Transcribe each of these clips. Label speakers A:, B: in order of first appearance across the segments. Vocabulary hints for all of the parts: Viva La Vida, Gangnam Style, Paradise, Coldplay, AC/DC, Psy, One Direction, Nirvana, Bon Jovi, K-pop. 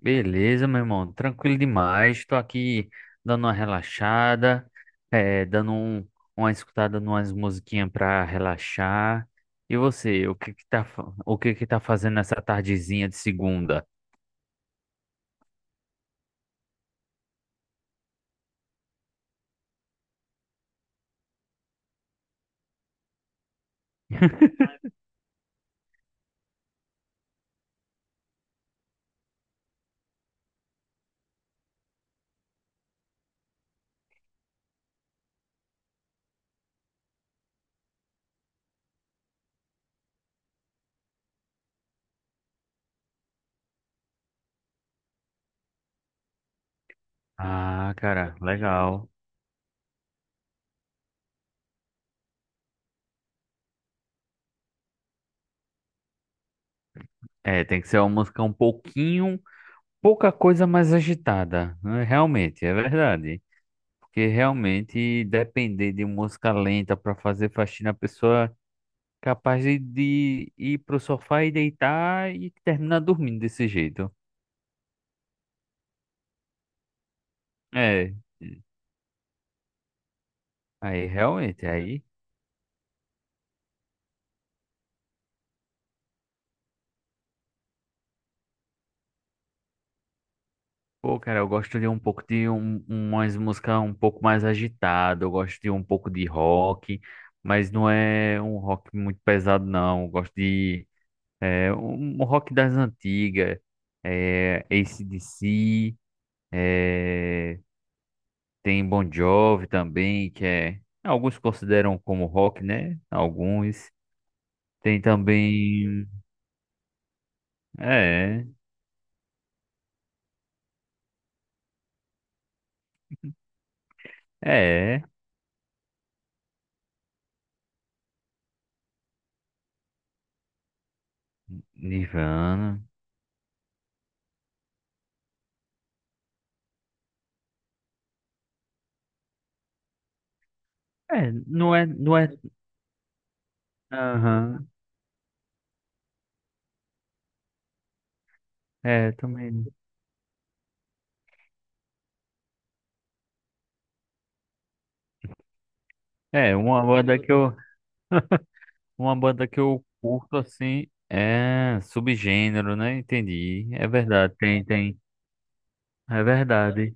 A: Beleza, meu irmão, tranquilo demais. Estou aqui dando uma relaxada, dando uma escutada numas musiquinhas para relaxar. E você, o que que tá, fa- o que que tá fazendo nessa tardezinha de segunda? Ah, cara, legal. É, tem que ser uma música um pouquinho, pouca coisa mais agitada, né? Realmente, é verdade. Porque realmente depender de música lenta para fazer faxina, a pessoa capaz de ir pro sofá e deitar e terminar dormindo desse jeito. É, aí realmente, aí. Pô, cara, eu gosto de um pouco de umas músicas um pouco mais agitada, eu gosto de um pouco de rock, mas não é um rock muito pesado, não. Eu gosto de um rock das antigas, AC/DC, é, tem Bon Jovi também, que é. Alguns consideram como rock, né? Alguns. Tem também. É, é. Nirvana. É, não é, não é. Aham. É, também. É, uma banda que eu, uma banda que eu curto assim é subgênero, né? Entendi. É verdade, tem. É verdade.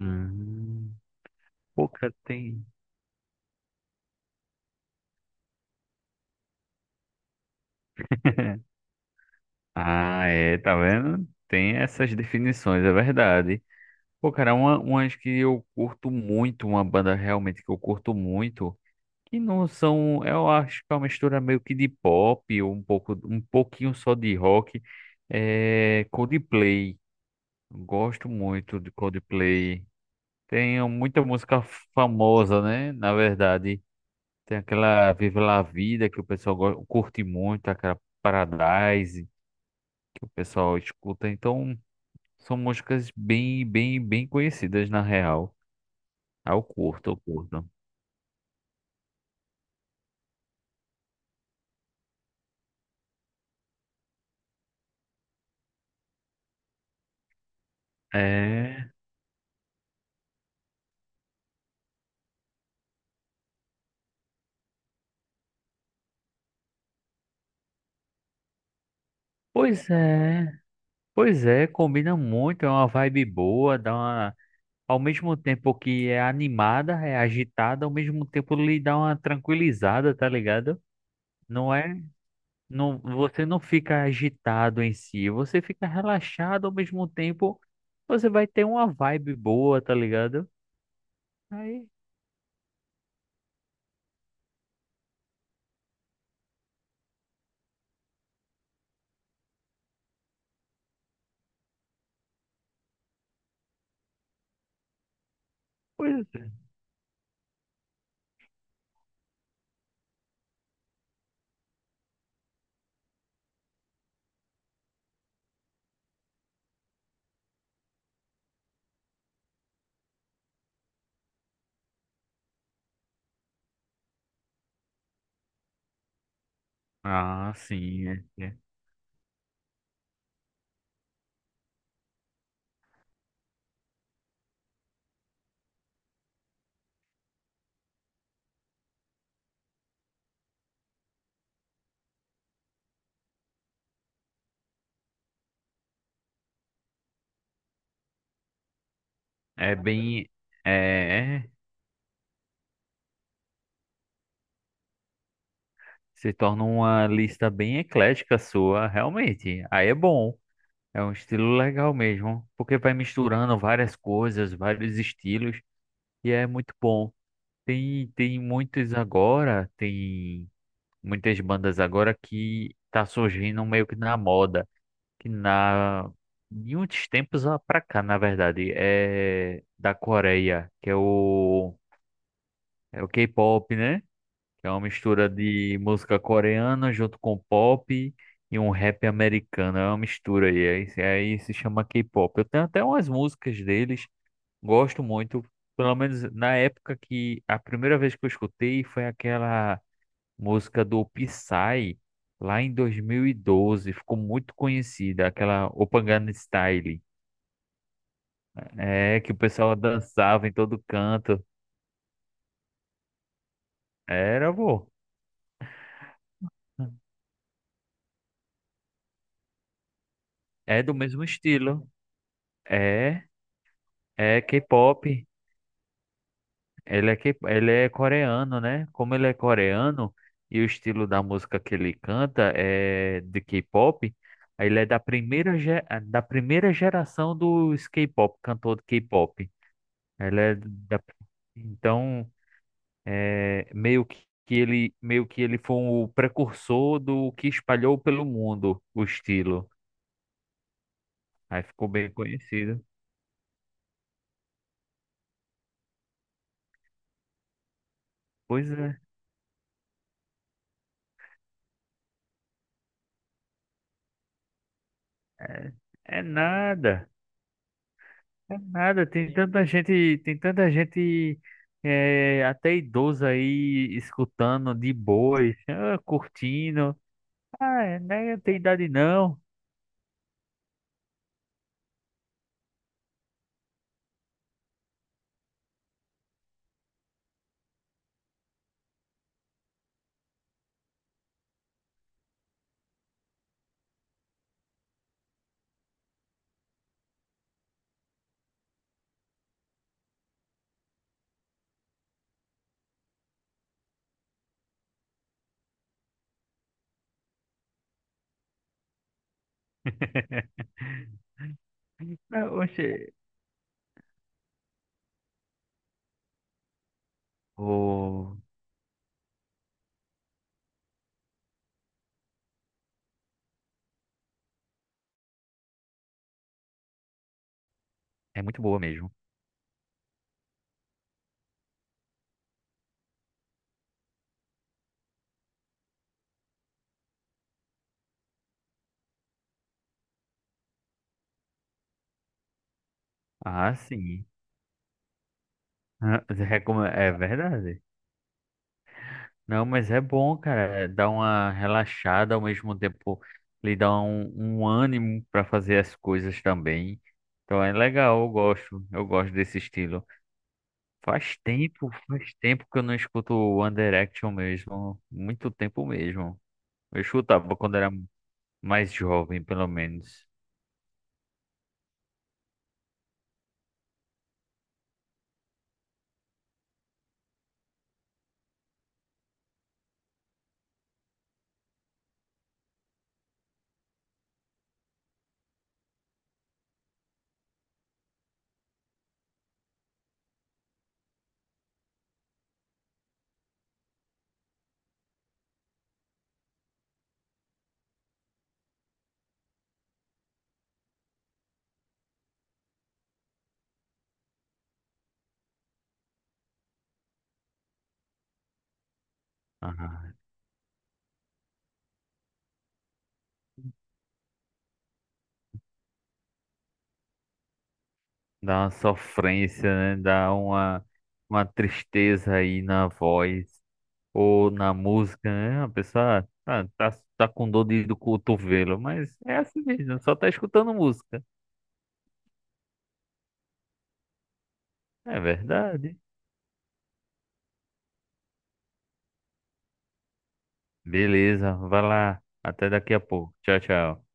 A: Hum, pouca tem. Ah, é, tá vendo? Tem essas definições, é verdade. Pô, cara, umas que eu curto muito, uma banda realmente que eu curto muito. Que não são, eu acho que é uma mistura meio que de pop, ou um pouco, um pouquinho só de rock. É Coldplay. Gosto muito de Coldplay. Tem muita música famosa, né? Na verdade, tem aquela Viva La Vida que o pessoal curte muito, aquela Paradise que o pessoal escuta. Então, são músicas bem, bem, bem conhecidas na real. Ah, eu curto, eu curto. É, pois é. Pois é, combina muito, é uma vibe boa, dá uma ao mesmo tempo que é animada, é agitada, ao mesmo tempo lhe dá uma tranquilizada, tá ligado? Não é, não, você não fica agitado em si, você fica relaxado ao mesmo tempo, você vai ter uma vibe boa, tá ligado? Aí, pois é. Ah, sim, é, é é bem, é, se torna uma lista bem eclética sua, realmente. Aí é bom. É um estilo legal mesmo, porque vai misturando várias coisas, vários estilos, e é muito bom. Tem muitos agora, tem muitas bandas agora que tá surgindo meio que na moda, que na de uns tempos pra cá, na verdade, é da Coreia, que é o K-pop, né? Que é uma mistura de música coreana junto com pop e um rap americano. É uma mistura aí, aí, aí se chama K-pop. Eu tenho até umas músicas deles, gosto muito, pelo menos na época que a primeira vez que eu escutei foi aquela música do Psy, lá em 2012, ficou muito conhecida, aquela Gangnam Style, que o pessoal dançava em todo canto. Era, vô. É do mesmo estilo. É, é K-pop. Ele é coreano, né? Como ele é coreano e o estilo da música que ele canta é de K-pop, aí ele é da primeira geração dos K-pop, cantor de K-pop. Ele é da, então, meio que ele foi o precursor do que espalhou pelo mundo o estilo. Aí ficou bem conhecido. Pois é, é, nada. É nada, tem tanta gente até idosa aí escutando de boas, ah, curtindo. Ah, é, né? Eu tenho idade não. Ah, oxe, ô, é muito boa mesmo. Ah, sim. Ah, é verdade. Não, mas é bom, cara. Dá uma relaxada ao mesmo tempo, lhe dá um ânimo para fazer as coisas também. Então é legal, eu gosto desse estilo. Faz tempo que eu não escuto o One Direction mesmo. Muito tempo mesmo. Eu escutava quando era mais jovem, pelo menos. Ah, dá uma sofrência, né? Dá uma, tristeza aí na voz ou na música, né? A pessoa tá com dor do cotovelo, mas é assim mesmo, só tá escutando música. É verdade. Beleza, vai lá. Até daqui a pouco. Tchau, tchau.